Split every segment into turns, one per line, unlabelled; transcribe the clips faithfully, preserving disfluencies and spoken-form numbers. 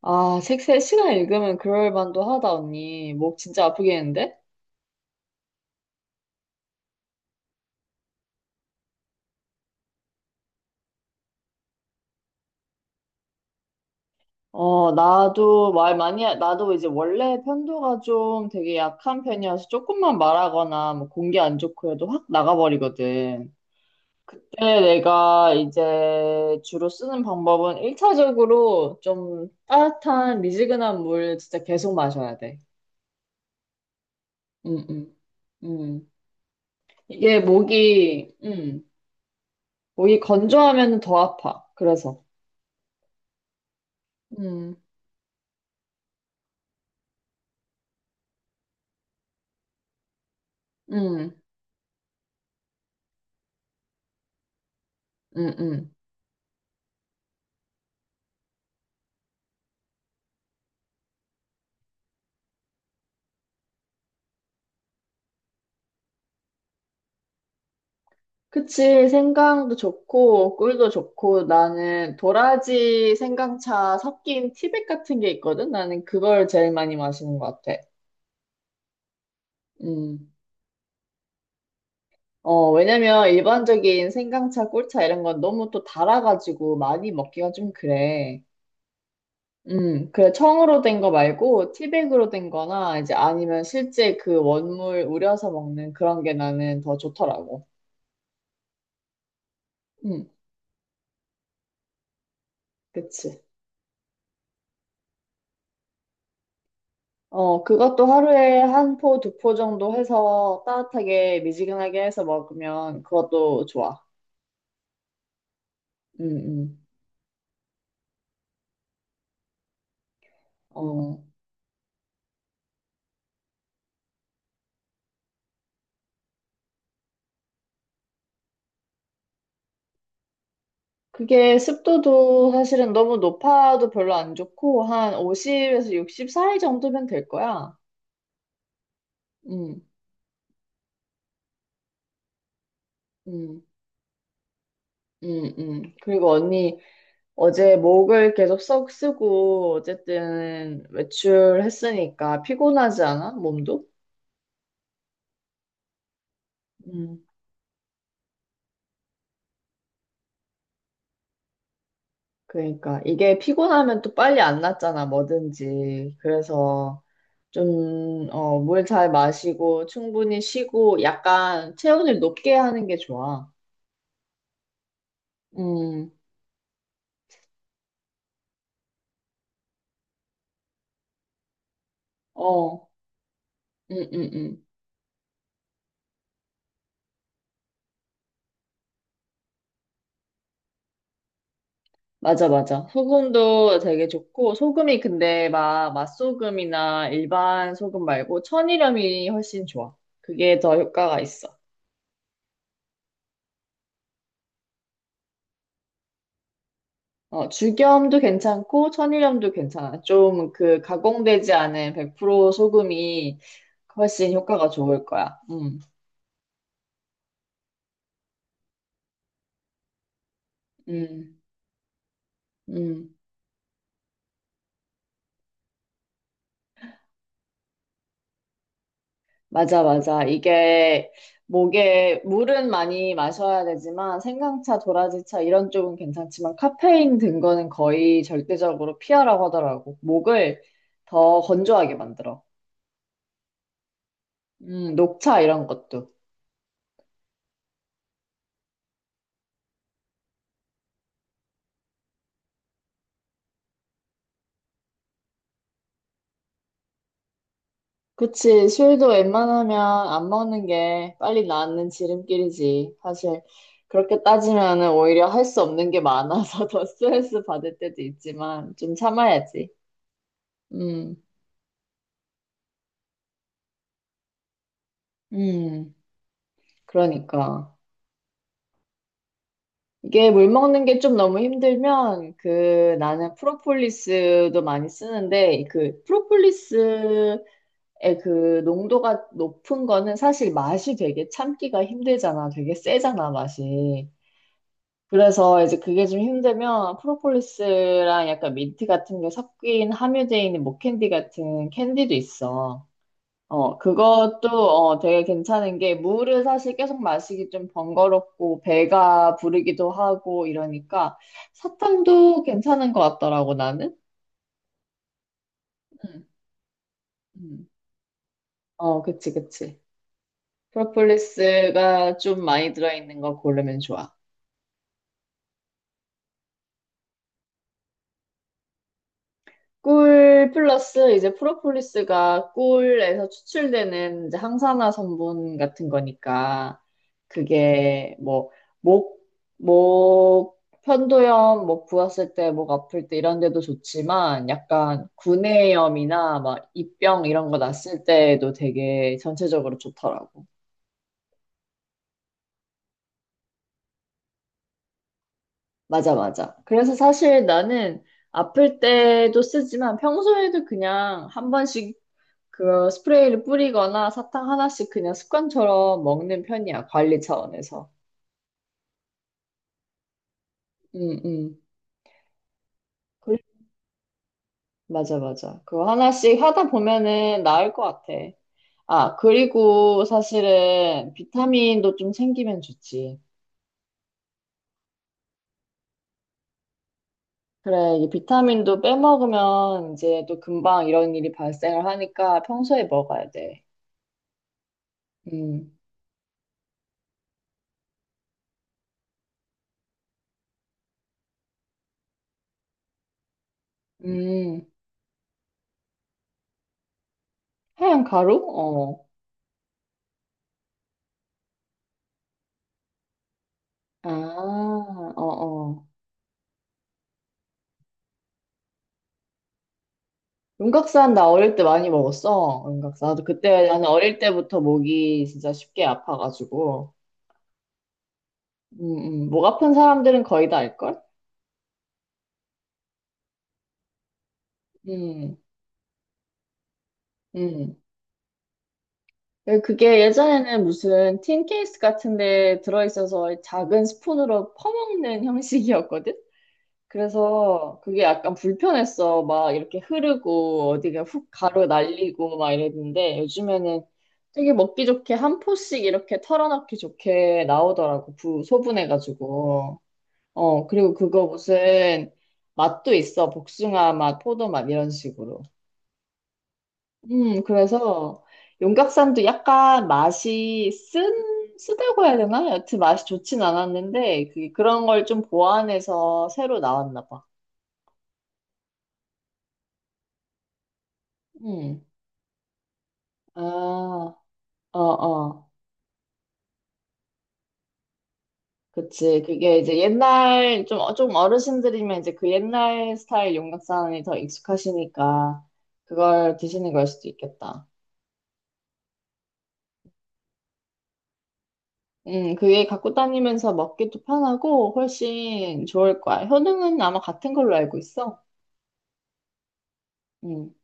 아, 책 세 시간 읽으면 그럴 만도 하다, 언니. 목 진짜 아프겠는데? 어, 나도 말 많이, 하- 나도 이제 원래 편도가 좀 되게 약한 편이어서 조금만 말하거나 뭐 공기 안 좋고 해도 확 나가버리거든. 그때 내가 이제 주로 쓰는 방법은 일 차적으로 좀 따뜻한 미지근한 물 진짜 계속 마셔야 돼. 응응. 응 응. 이게 목이, 응 목이 건조하면 더 아파. 그래서. 응. 응, 응, 응. 그치. 생강도 좋고, 꿀도 좋고, 나는 도라지 생강차 섞인 티백 같은 게 있거든? 나는 그걸 제일 많이 마시는 것 같아. 음. 어, 왜냐면 일반적인 생강차, 꿀차 이런 건 너무 또 달아가지고 많이 먹기가 좀 그래. 음, 그래. 청으로 된 거 말고 티백으로 된 거나 이제 아니면 실제 그 원물 우려서 먹는 그런 게 나는 더 좋더라고. 음, 그치. 어, 그것도 하루에 한 포, 두 포 정도 해서 따뜻하게 미지근하게 해서 먹으면 그것도 좋아. 음, 음. 어. 그게 습도도 사실은 너무 높아도 별로 안 좋고 한 오십에서 육십 사이 정도면 될 거야. 음, 음, 음, 음. 그리고 언니 어제 목을 계속 썩 쓰고 어쨌든 외출했으니까 피곤하지 않아? 몸도? 음. 그러니까 이게 피곤하면 또 빨리 안 낫잖아, 뭐든지. 그래서 좀, 어, 물 잘 마시고 충분히 쉬고 약간 체온을 높게 하는 게 좋아. 음, 어, 음, 음, 음. 맞아, 맞아. 소금도 되게 좋고, 소금이 근데 막 맛소금이나 일반 소금 말고 천일염이 훨씬 좋아. 그게 더 효과가 있어. 어, 죽염도 괜찮고 천일염도 괜찮아. 좀 그 가공되지 않은 백 퍼센트 소금이 훨씬 효과가 좋을 거야. 음, 음, 음. 맞아, 맞아. 이게 목에 물은 많이 마셔야 되지만 생강차, 도라지차 이런 쪽은 괜찮지만 카페인 든 거는 거의 절대적으로 피하라고 하더라고. 목을 더 건조하게 만들어. 음, 녹차 이런 것도. 그치. 술도 웬만하면 안 먹는 게 빨리 낫는 지름길이지. 사실, 그렇게 따지면은 오히려 할 수 없는 게 많아서 더 스트레스 받을 때도 있지만, 좀 참아야지. 음, 음, 그러니까. 이게 물 먹는 게 좀 너무 힘들면, 그, 나는 프로폴리스도 많이 쓰는데, 그, 프로폴리스의 그 농도가 높은 거는 사실 맛이 되게 참기가 힘들잖아. 되게 세잖아, 맛이. 그래서 이제 그게 좀 힘들면 프로폴리스랑 약간 민트 같은 게 섞인 함유되어 있는 목캔디 같은 캔디도 있어. 어, 그것도 어, 되게 괜찮은 게 물을 사실 계속 마시기 좀 번거롭고 배가 부르기도 하고 이러니까 사탕도 괜찮은 것 같더라고 나는. 응. 응. 어, 그치, 그치. 프로폴리스가 좀 많이 들어있는 거 고르면 좋아. 꿀 플러스 이제 프로폴리스가 꿀에서 추출되는 이제 항산화 성분 같은 거니까 그게 뭐 목, 목 편도염, 목 부었을 때, 목 아플 때 이런 데도 좋지만 약간 구내염이나 막 입병 이런 거 났을 때도 되게 전체적으로 좋더라고. 맞아, 맞아. 그래서 사실 나는 아플 때도 쓰지만 평소에도 그냥 한 번씩 그 스프레이를 뿌리거나 사탕 하나씩 그냥 습관처럼 먹는 편이야. 관리 차원에서. 응, 응. 그- 맞아, 맞아. 그거 하나씩 하다 보면은 나을 것 같아. 아, 그리고 사실은 비타민도 좀 챙기면 좋지. 그래, 이 비타민도 빼먹으면 이제 또 금방 이런 일이 발생을 하니까 평소에 먹어야 돼. 음, 음, 하얀 가루? 어. 아, 어, 어. 용각산 나 어릴 때 많이 먹었어. 용각산. 나도 그때 나는 어릴 때부터 목이 진짜 쉽게 아파가지고. 음, 음. 목 아픈 사람들은 거의 다 알걸? 음, 음. 그게 예전에는 무슨 틴 케이스 같은 데 들어있어서 작은 스푼으로 퍼먹는 형식이었거든? 그래서 그게 약간 불편했어. 막 이렇게 흐르고 어디가 훅 가루 날리고 막 이랬는데 요즘에는 되게 먹기 좋게 한 포씩 이렇게 털어넣기 좋게 나오더라고. 부, 소분해가지고. 어, 그리고 그거 무슨 맛도 있어. 복숭아 맛, 포도 맛 이런 식으로. 음, 그래서 용각산도 약간 맛이 쓴, 쓰다고 해야 되나? 여튼 맛이 좋진 않았는데 그, 그런 걸 좀 보완해서 새로 나왔나 봐. 음. 아, 어, 어. 그치. 그게 이제 옛날, 좀, 어- 좀 어르신들이면 이제 그 옛날 스타일 용각산이 더 익숙하시니까 그걸 드시는 걸 수도 있겠다. 음, 그게 갖고 다니면서 먹기도 편하고 훨씬 좋을 거야. 효능은 아마 같은 걸로 알고 있어. 음.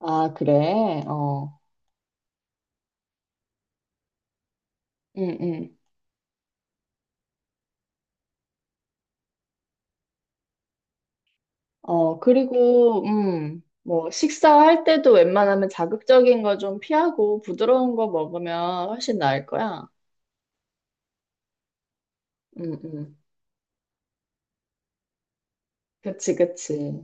아, 그래. 어. 음, 음. 어, 그리고, 음. 뭐, 식사할 때도 웬만하면 자극적인 거 좀 피하고 부드러운 거 먹으면 훨씬 나을 거야. 음, 음. 그치, 그치.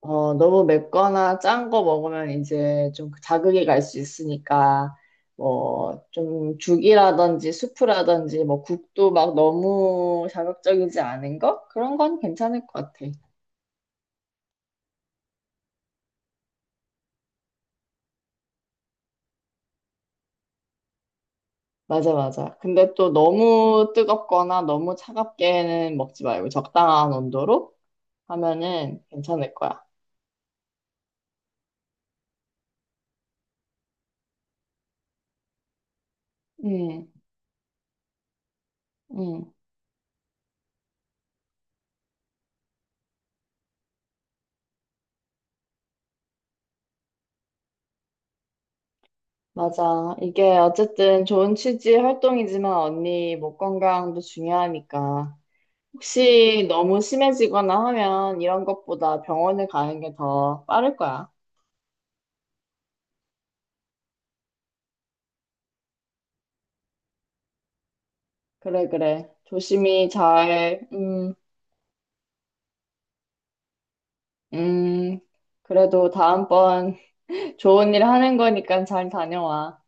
어, 너무 맵거나 짠 거 먹으면 이제 좀 그 자극이 갈 수 있으니까, 뭐, 좀 죽이라든지 수프라든지, 뭐, 국도 막 너무 자극적이지 않은 거? 그런 건 괜찮을 것 같아. 맞아, 맞아. 근데 또 너무 뜨겁거나 너무 차갑게는 먹지 말고 적당한 온도로 하면은 괜찮을 거야. 응 응. 맞아. 이게 어쨌든 좋은 취지 활동이지만 언니 목 건강도 중요하니까. 혹시 너무 심해지거나 하면 이런 것보다 병원에 가는 게 더 빠를 거야. 그래, 그래. 조심히 잘, 음, 음, 그래도 다음번 좋은 일 하는 거니까 잘 다녀와.